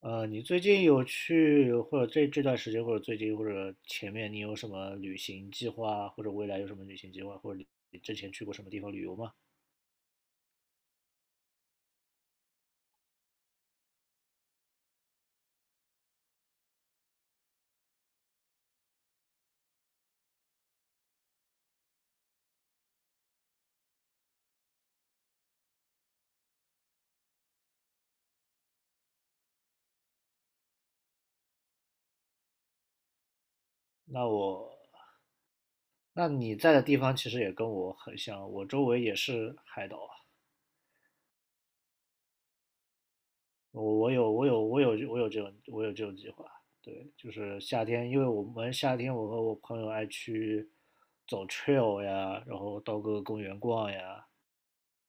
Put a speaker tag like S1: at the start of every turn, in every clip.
S1: 你最近有去，或者这段时间，或者最近，或者前面，你有什么旅行计划，或者未来有什么旅行计划，或者你之前去过什么地方旅游吗？那我，那你在的地方其实也跟我很像，我周围也是海岛啊。我有这种计划，对，就是夏天，因为我们夏天我和我朋友爱去走 trail 呀，然后到各个公园逛呀，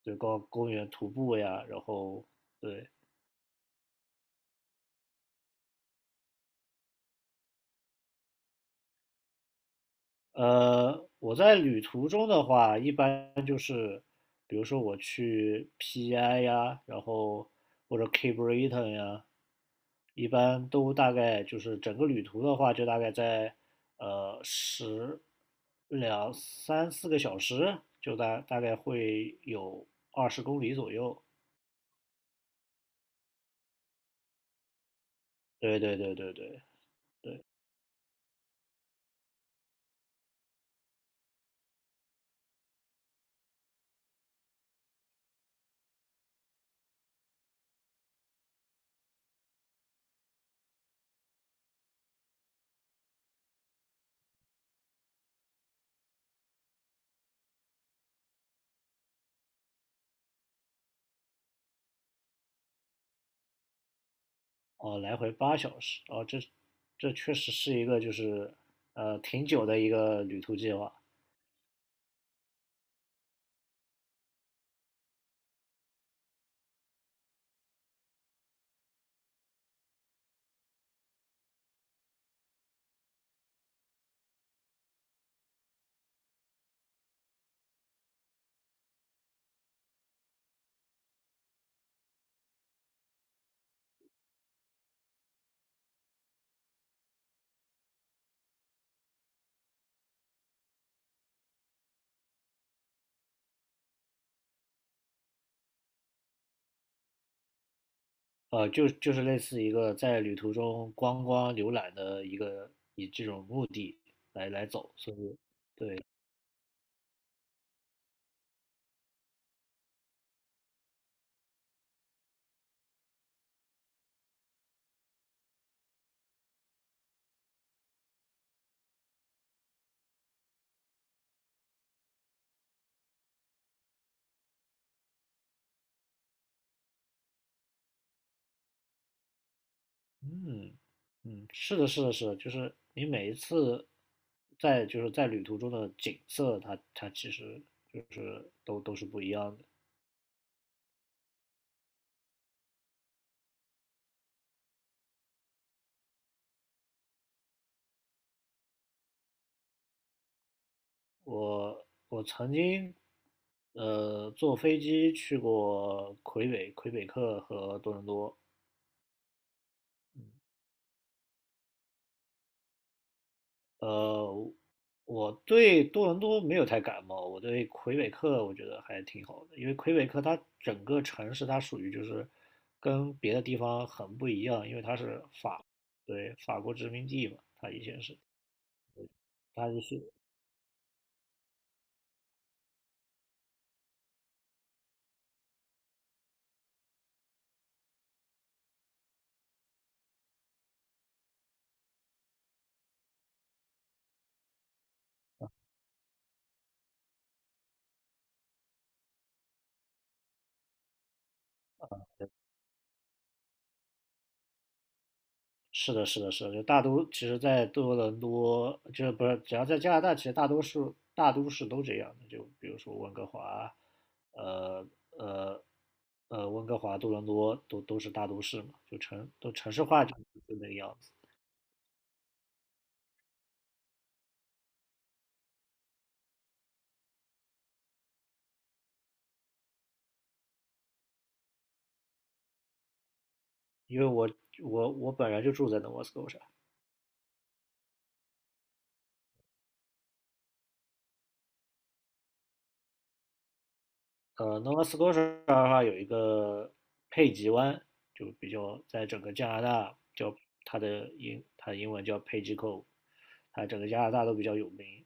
S1: 对，逛公园徒步呀，然后对，我在旅途中的话，一般就是比如说我去 PI 呀，然后或者 K. a b r i t o n 呀，一般都大概就是整个旅途的话，就大概在呃十两三四个小时，就大概会有20公里左右。对对对对对，哦，来回8小时，哦，这确实是一个就是挺久的一个旅途计划。就是类似一个在旅途中观光浏览的一个以这种目的来走，所以嗯嗯，是的，是的，是的，就是你每一次在就是在旅途中的景色，它其实就是都是不一样的。我曾经坐飞机去过魁北克和多伦多，嗯，呃，我对多伦多没有太感冒，我对魁北克我觉得还挺好的，因为魁北克它整个城市它属于就是跟别的地方很不一样，因为它是对，法国殖民地嘛，它以前是，它就是是的，是的，是的，就大都，其实，在多伦多，就是不是，只要在加拿大，其实大多数大都市都这样的。就比如说温哥华，呃呃温哥华、多伦多都是大都市嘛，就城市化就那个样子。因为我本人就住在 Nova Scotia,Nova Scotia 的话有一个佩吉湾，就比较在整个加拿大叫它的英文叫 Page Cove,它整个加拿大都比较有名。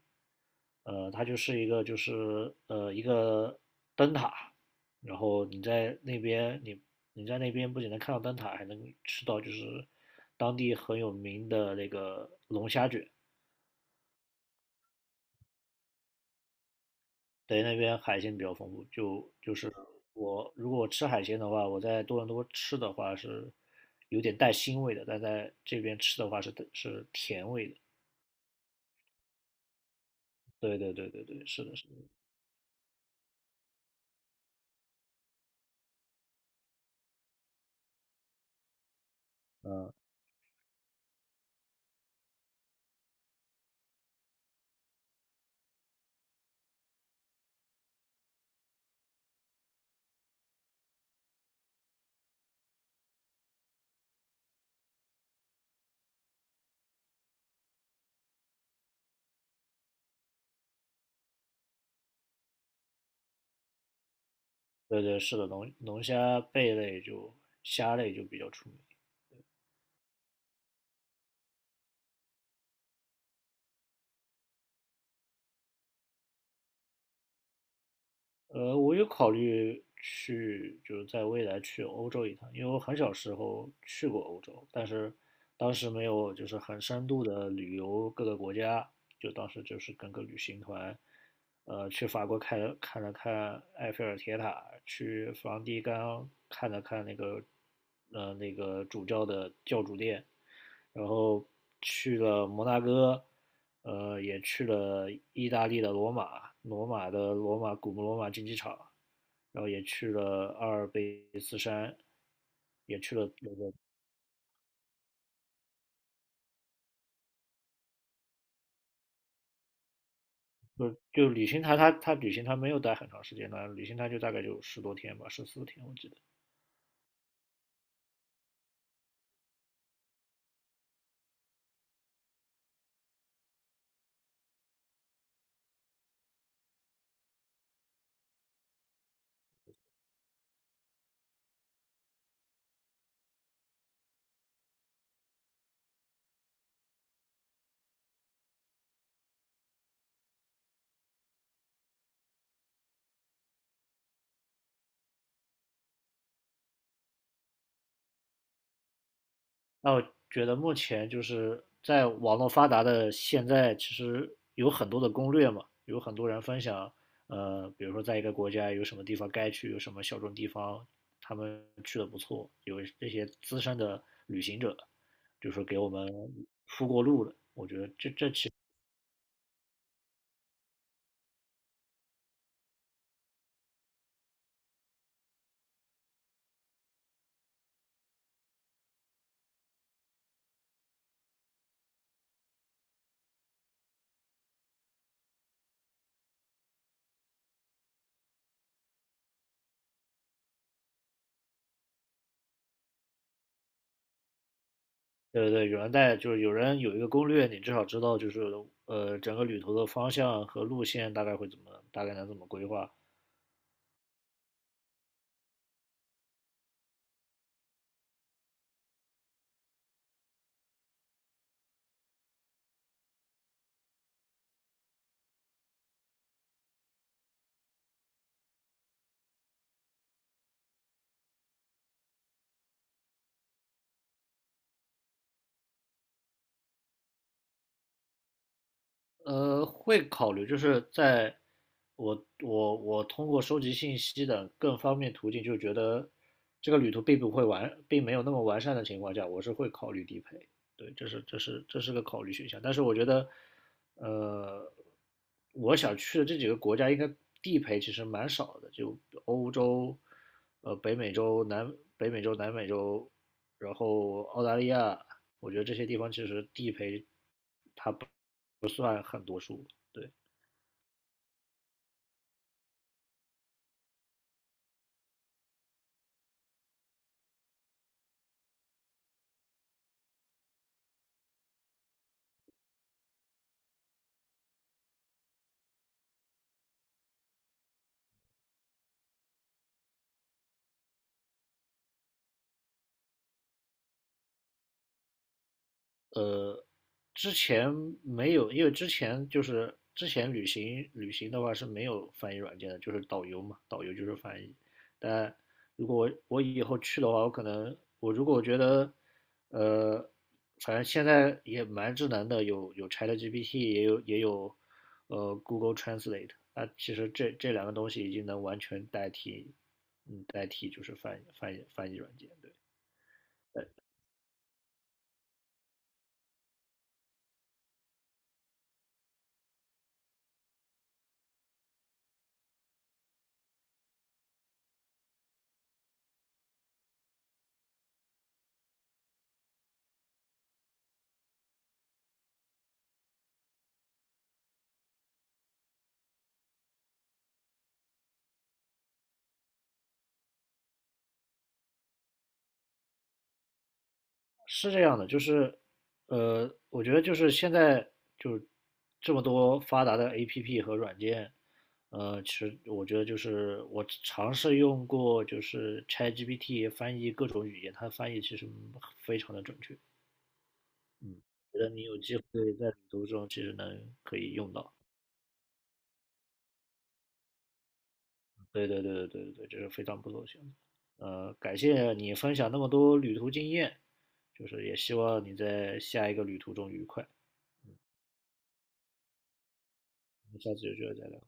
S1: 它就是一个就是一个灯塔，然后你在那边不仅能看到灯塔，还能吃到就是当地很有名的那个龙虾卷，等于那边海鲜比较丰富，就是如果我吃海鲜的话，我在多伦多吃的话是有点带腥味的，但在这边吃的话是甜味的。对对对对对，是的，是的，对对是的，龙虾贝类就虾类就比较出名。我有考虑去，就是在未来去欧洲一趟，因为我很小时候去过欧洲，但是当时没有就是很深度的旅游各个国家，就当时就是跟个旅行团，去法国看看了看埃菲尔铁塔，去梵蒂冈看了看那个，那个主教的教主殿，然后去了摩纳哥，也去了意大利的罗马，古罗马竞技场，然后也去了阿尔卑斯山，也去了那个就旅行团旅行团没有待很长时间呢，旅行团就大概就10多天吧，14天我记得。那我觉得目前就是在网络发达的现在，其实有很多的攻略嘛，有很多人分享，比如说在一个国家有什么地方该去，有什么小众地方，他们去的不错，有这些资深的旅行者，就是给我们铺过路的。对对，对，有人带，就是有人有一个攻略，你至少知道就是整个旅途的方向和路线大概会怎么，大概能怎么规划。会考虑，就是在我通过收集信息的更方便途径，就觉得这个旅途并没有那么完善的情况下，我是会考虑地陪。对，这是个考虑选项。但是我觉得，呃，我想去的这几个国家应该地陪其实蛮少的，就欧洲、北美洲、北美洲、南美洲，然后澳大利亚，我觉得这些地方其实地陪很多数。对，之前没有，因为之前就是之前旅行的话是没有翻译软件的，就是导游嘛，导游就是翻译。但如果我以后去的话，我可能我如果我觉得，呃，反正现在也蛮智能的，有 ChatGPT,也有Google Translate,那其实这两个东西已经能完全代替，嗯，代替就是翻译软件，对。是这样的，就是，我觉得就是现在就是这么多发达的 APP 和软件，其实我觉得就是我尝试用过就是 ChatGPT 翻译各种语言，它翻译其实非常的准确。嗯，觉得你有机会在旅途中其实能可以用到。对对对对对对，这是非常不错的选择。感谢你分享那么多旅途经验，就是也希望你在下一个旅途中愉快。我们下次有机会再聊。